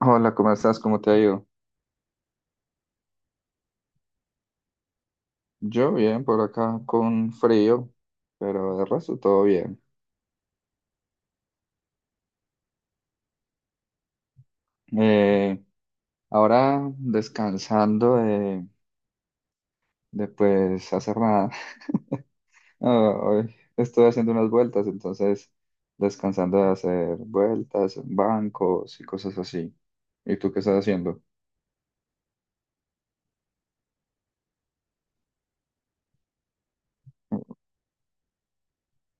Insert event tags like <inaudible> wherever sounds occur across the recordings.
Hola, ¿cómo estás? ¿Cómo te ha ido? Yo bien, por acá con frío, pero de resto todo bien. Eh, Ahora descansando de, pues hacer nada. <laughs> Ah, Hoy estoy haciendo unas vueltas, entonces descansando de hacer vueltas en bancos y cosas así. ¿Y tú qué estás haciendo?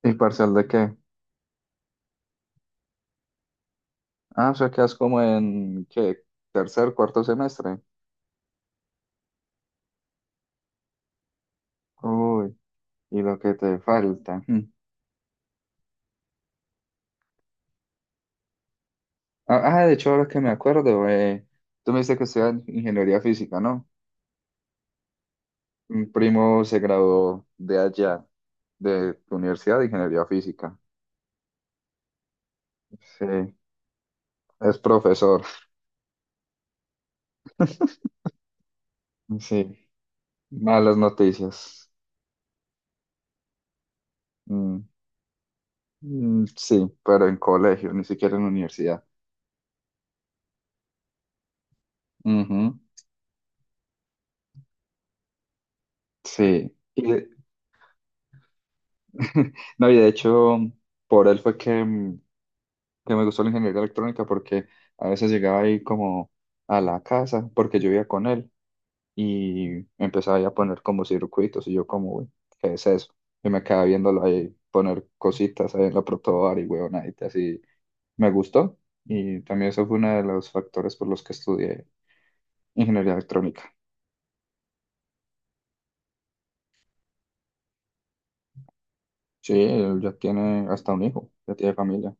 ¿Y parcial de qué? Ah, o sea, quedas como en, ¿qué? Tercer, cuarto semestre. Uy, y lo que te falta. Ah, ah, de hecho, ahora que me acuerdo, tú me dijiste que estudias ingeniería física, ¿no? Un primo se graduó de allá, de tu universidad de ingeniería física. Sí, es profesor. <laughs> Sí, malas noticias. Mm, mm, sí, pero en colegio, ni siquiera en universidad. Ujú, sí. Y de- <laughs> no, y de hecho, por él fue que que me gustó la ingeniería electrónica porque a veces llegaba ahí como a la casa, porque yo vivía con él. Y empezaba ahí a poner como circuitos y yo como, "Uy, ¿qué es eso? Y me quedaba viéndolo ahí poner cositas ahí en la protobar y huevonaditas así, me gustó, y también eso fue uno de los factores por los que estudié ingeniería electrónica. Sí, él ya tiene hasta un hijo, ya tiene familia.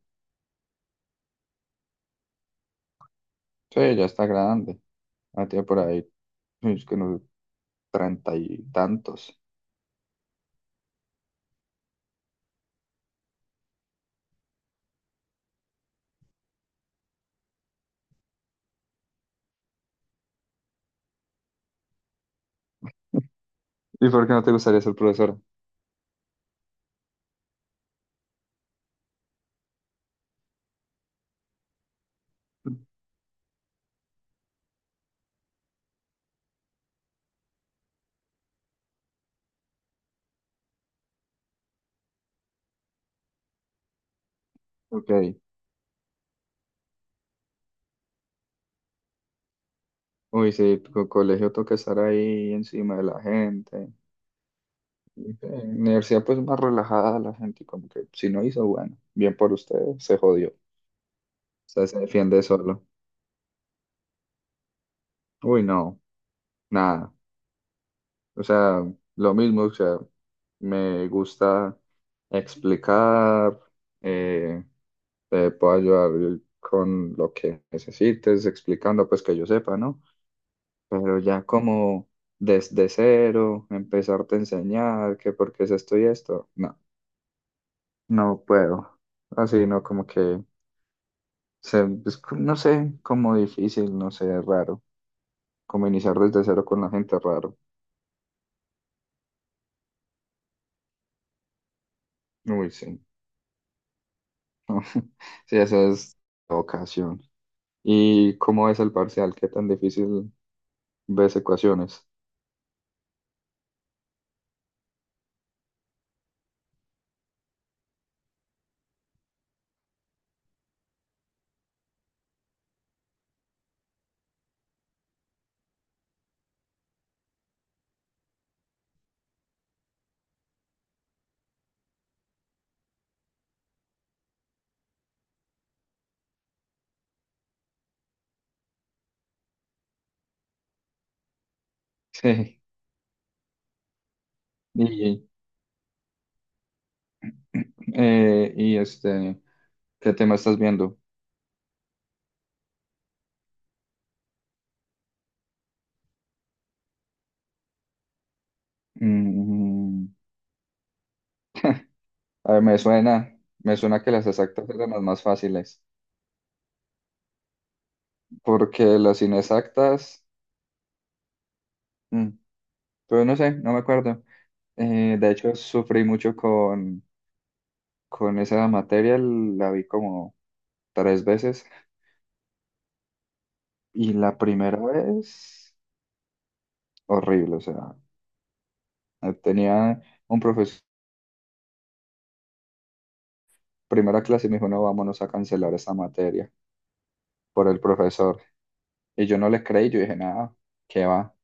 Sí, ya está grande, ya tiene por ahí, es que unos treinta y tantos. ¿Y por qué no te gustaría ser profesora? Ok. Uy, sí, co- colegio toca estar ahí encima de la gente. En universidad pues más relajada la gente, como que si no hizo, bueno, bien por ustedes, se jodió. O sea, se defiende solo. Uy, no, nada. O sea, lo mismo, o sea, me gusta explicar, eh, te puedo ayudar con lo que necesites, explicando pues que yo sepa, ¿no? Pero ya como desde cero, empezarte a enseñar que por qué es esto y esto, no, no puedo. Así, ¿no? Como que... sea, es co- no sé, como difícil, no sé, raro. Como iniciar desde cero con la gente, raro. Uy, sí. <laughs> Sí, esa es la ocasión. ¿Y cómo es el parcial? ¿Qué tan difícil ves ecuaciones? <laughs> Sí. Y, eh, y este, ¿qué tema estás viendo? Mm, a ver, me suena que las exactas eran las más fáciles, porque las inexactas, mm, pues no sé, no me acuerdo. De hecho, sufrí mucho con... Con esa materia la vi como tres veces y la primera vez horrible, o sea, tenía un profesor, primera clase me dijo, no, vámonos a cancelar esa materia por el profesor. Y yo no le creí, yo dije, nada, ¿qué va?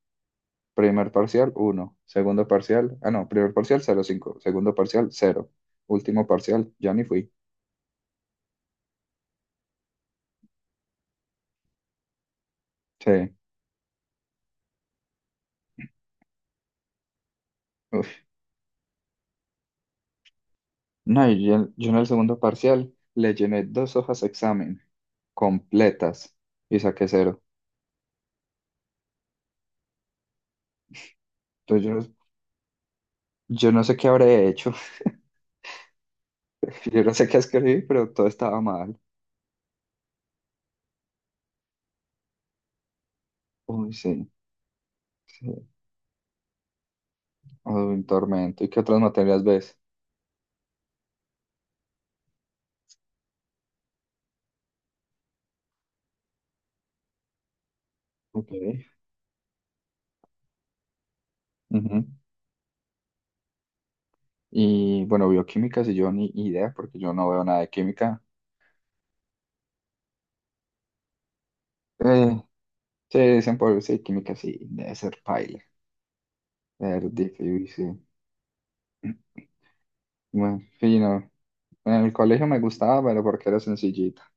Primer parcial, uno. Segundo parcial, ah, no, primer parcial, cero coma cinco. Segundo parcial, cero. Último parcial, ya ni fui. Sí. Uf. No, y yo en el segundo parcial le llené dos hojas examen completas y saqué cero. Entonces yo, yo no sé qué habré hecho, <laughs> yo no sé qué escribí, pero todo estaba mal. Uy, sí, sí. Un tormento. ¿Y qué otras materias ves? Ok. Ujú. Y bueno, bioquímica, si yo ni idea, porque yo no veo nada de química. Eh, sí, dicen por sí, química sí, debe ser paila, debe ser difícil. <clears throat> Bueno, fino. En el colegio me gustaba, pero porque era sencillita.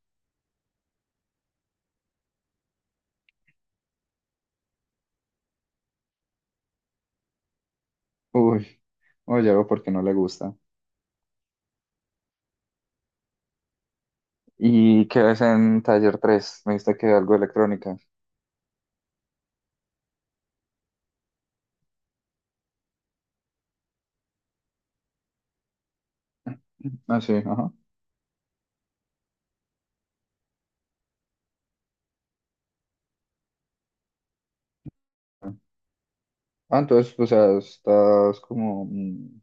Uy, oye, algo porque no le gusta. ¿Y qué ves en taller tres? Me dijiste que algo de electrónica. Ah, sí, ajá. Ah, entonces, o sea, estás como mm,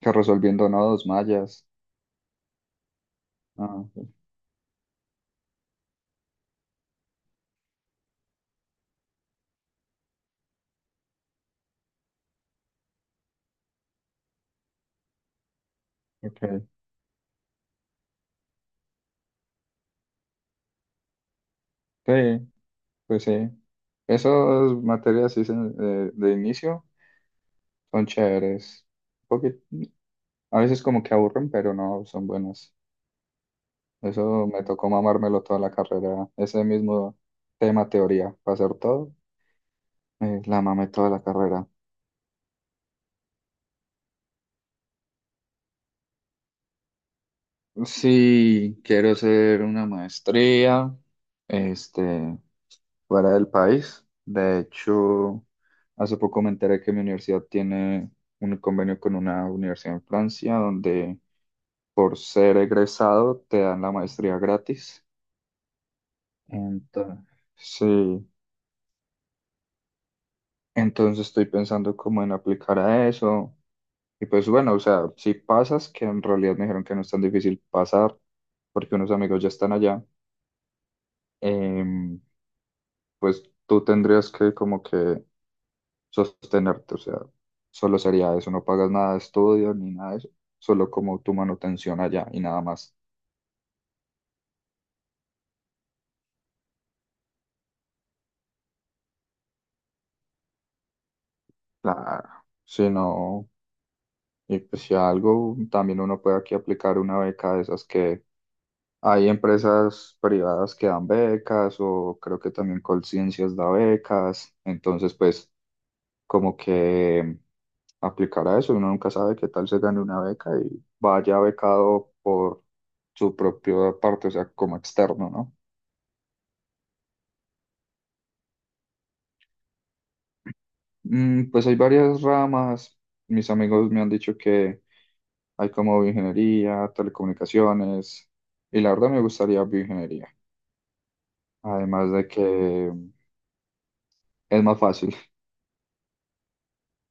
que resolviendo nodos mayas. Ah, ok. Sí, pues sí. Esas materias sí se- de inicio son chéveres. Un poquit-, a veces como que aburren, pero no, son buenas. Eso me tocó mamármelo toda la carrera. Ese mismo tema teoría para hacer todo, la mamé toda la carrera. Sí, quiero hacer una maestría. Este, fuera del país. De hecho, hace poco me enteré que mi universidad tiene un convenio con una universidad en Francia donde por ser egresado te dan la maestría gratis. Entonces, sí, entonces estoy pensando como en aplicar a eso. Y pues bueno, o sea, si pasas, que en realidad me dijeron que no es tan difícil pasar porque unos amigos ya están allá, em, pues tú tendrías que como que sostenerte, o sea, solo sería eso, no pagas nada de estudio ni nada de eso, solo como tu manutención allá y nada más. Claro, si no, y pues si algo, también uno puede aquí aplicar una beca de esas que hay empresas privadas que dan becas o creo que también Colciencias da becas, entonces pues como que aplicar a eso, uno nunca sabe qué tal se gane una beca y vaya becado por su propia parte, o sea, como externo, ¿no? Mm, pues hay varias ramas. Mis amigos me han dicho que hay como bioingeniería, telecomunicaciones, y la verdad me gustaría bioingeniería. Además de que es más fácil,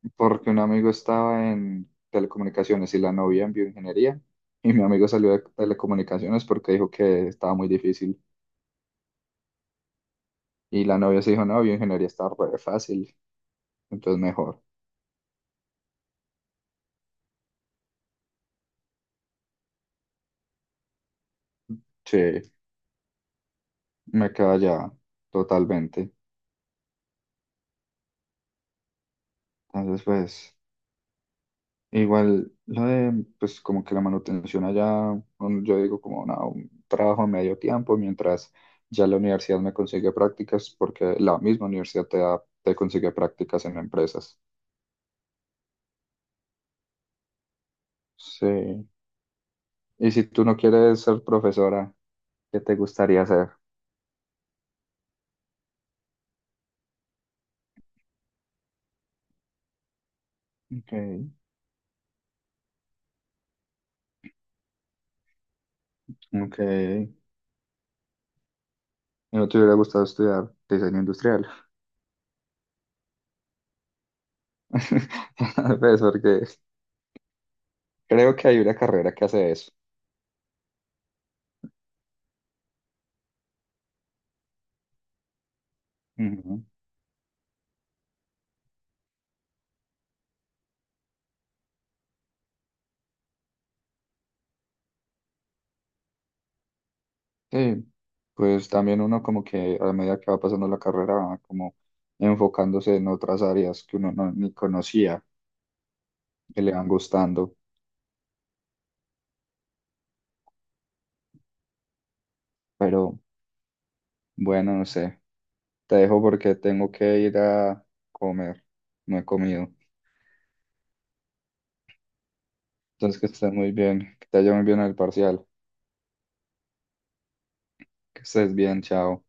<laughs> porque un amigo estaba en telecomunicaciones y la novia en bioingeniería, y mi amigo salió de telecomunicaciones porque dijo que estaba muy difícil, y la novia se dijo, no, bioingeniería está re fácil, entonces mejor. Sí, me queda ya totalmente. Entonces, pues... E Igual, lo de, pues como que la manutención allá, un- yo digo como no, un trabajo a medio tiempo, mientras ya la universidad me consigue prácticas, porque la misma universidad te da- te consigue prácticas en empresas. Sí. Y si tú no quieres ser profesora, ¿qué te gustaría hacer? Ok, ok. ¿Y no te hubiera gustado estudiar diseño industrial? <laughs> Pues porque creo que hay una carrera que hace eso. Sí, pues también uno como que a medida que va pasando la carrera va como enfocándose en otras áreas que uno no, ni conocía, que le van gustando. Pero bueno, no sé, te dejo porque tengo que ir a comer, no he comido. Entonces que estés muy bien, que te vaya muy bien en el parcial, que estés bien, chao.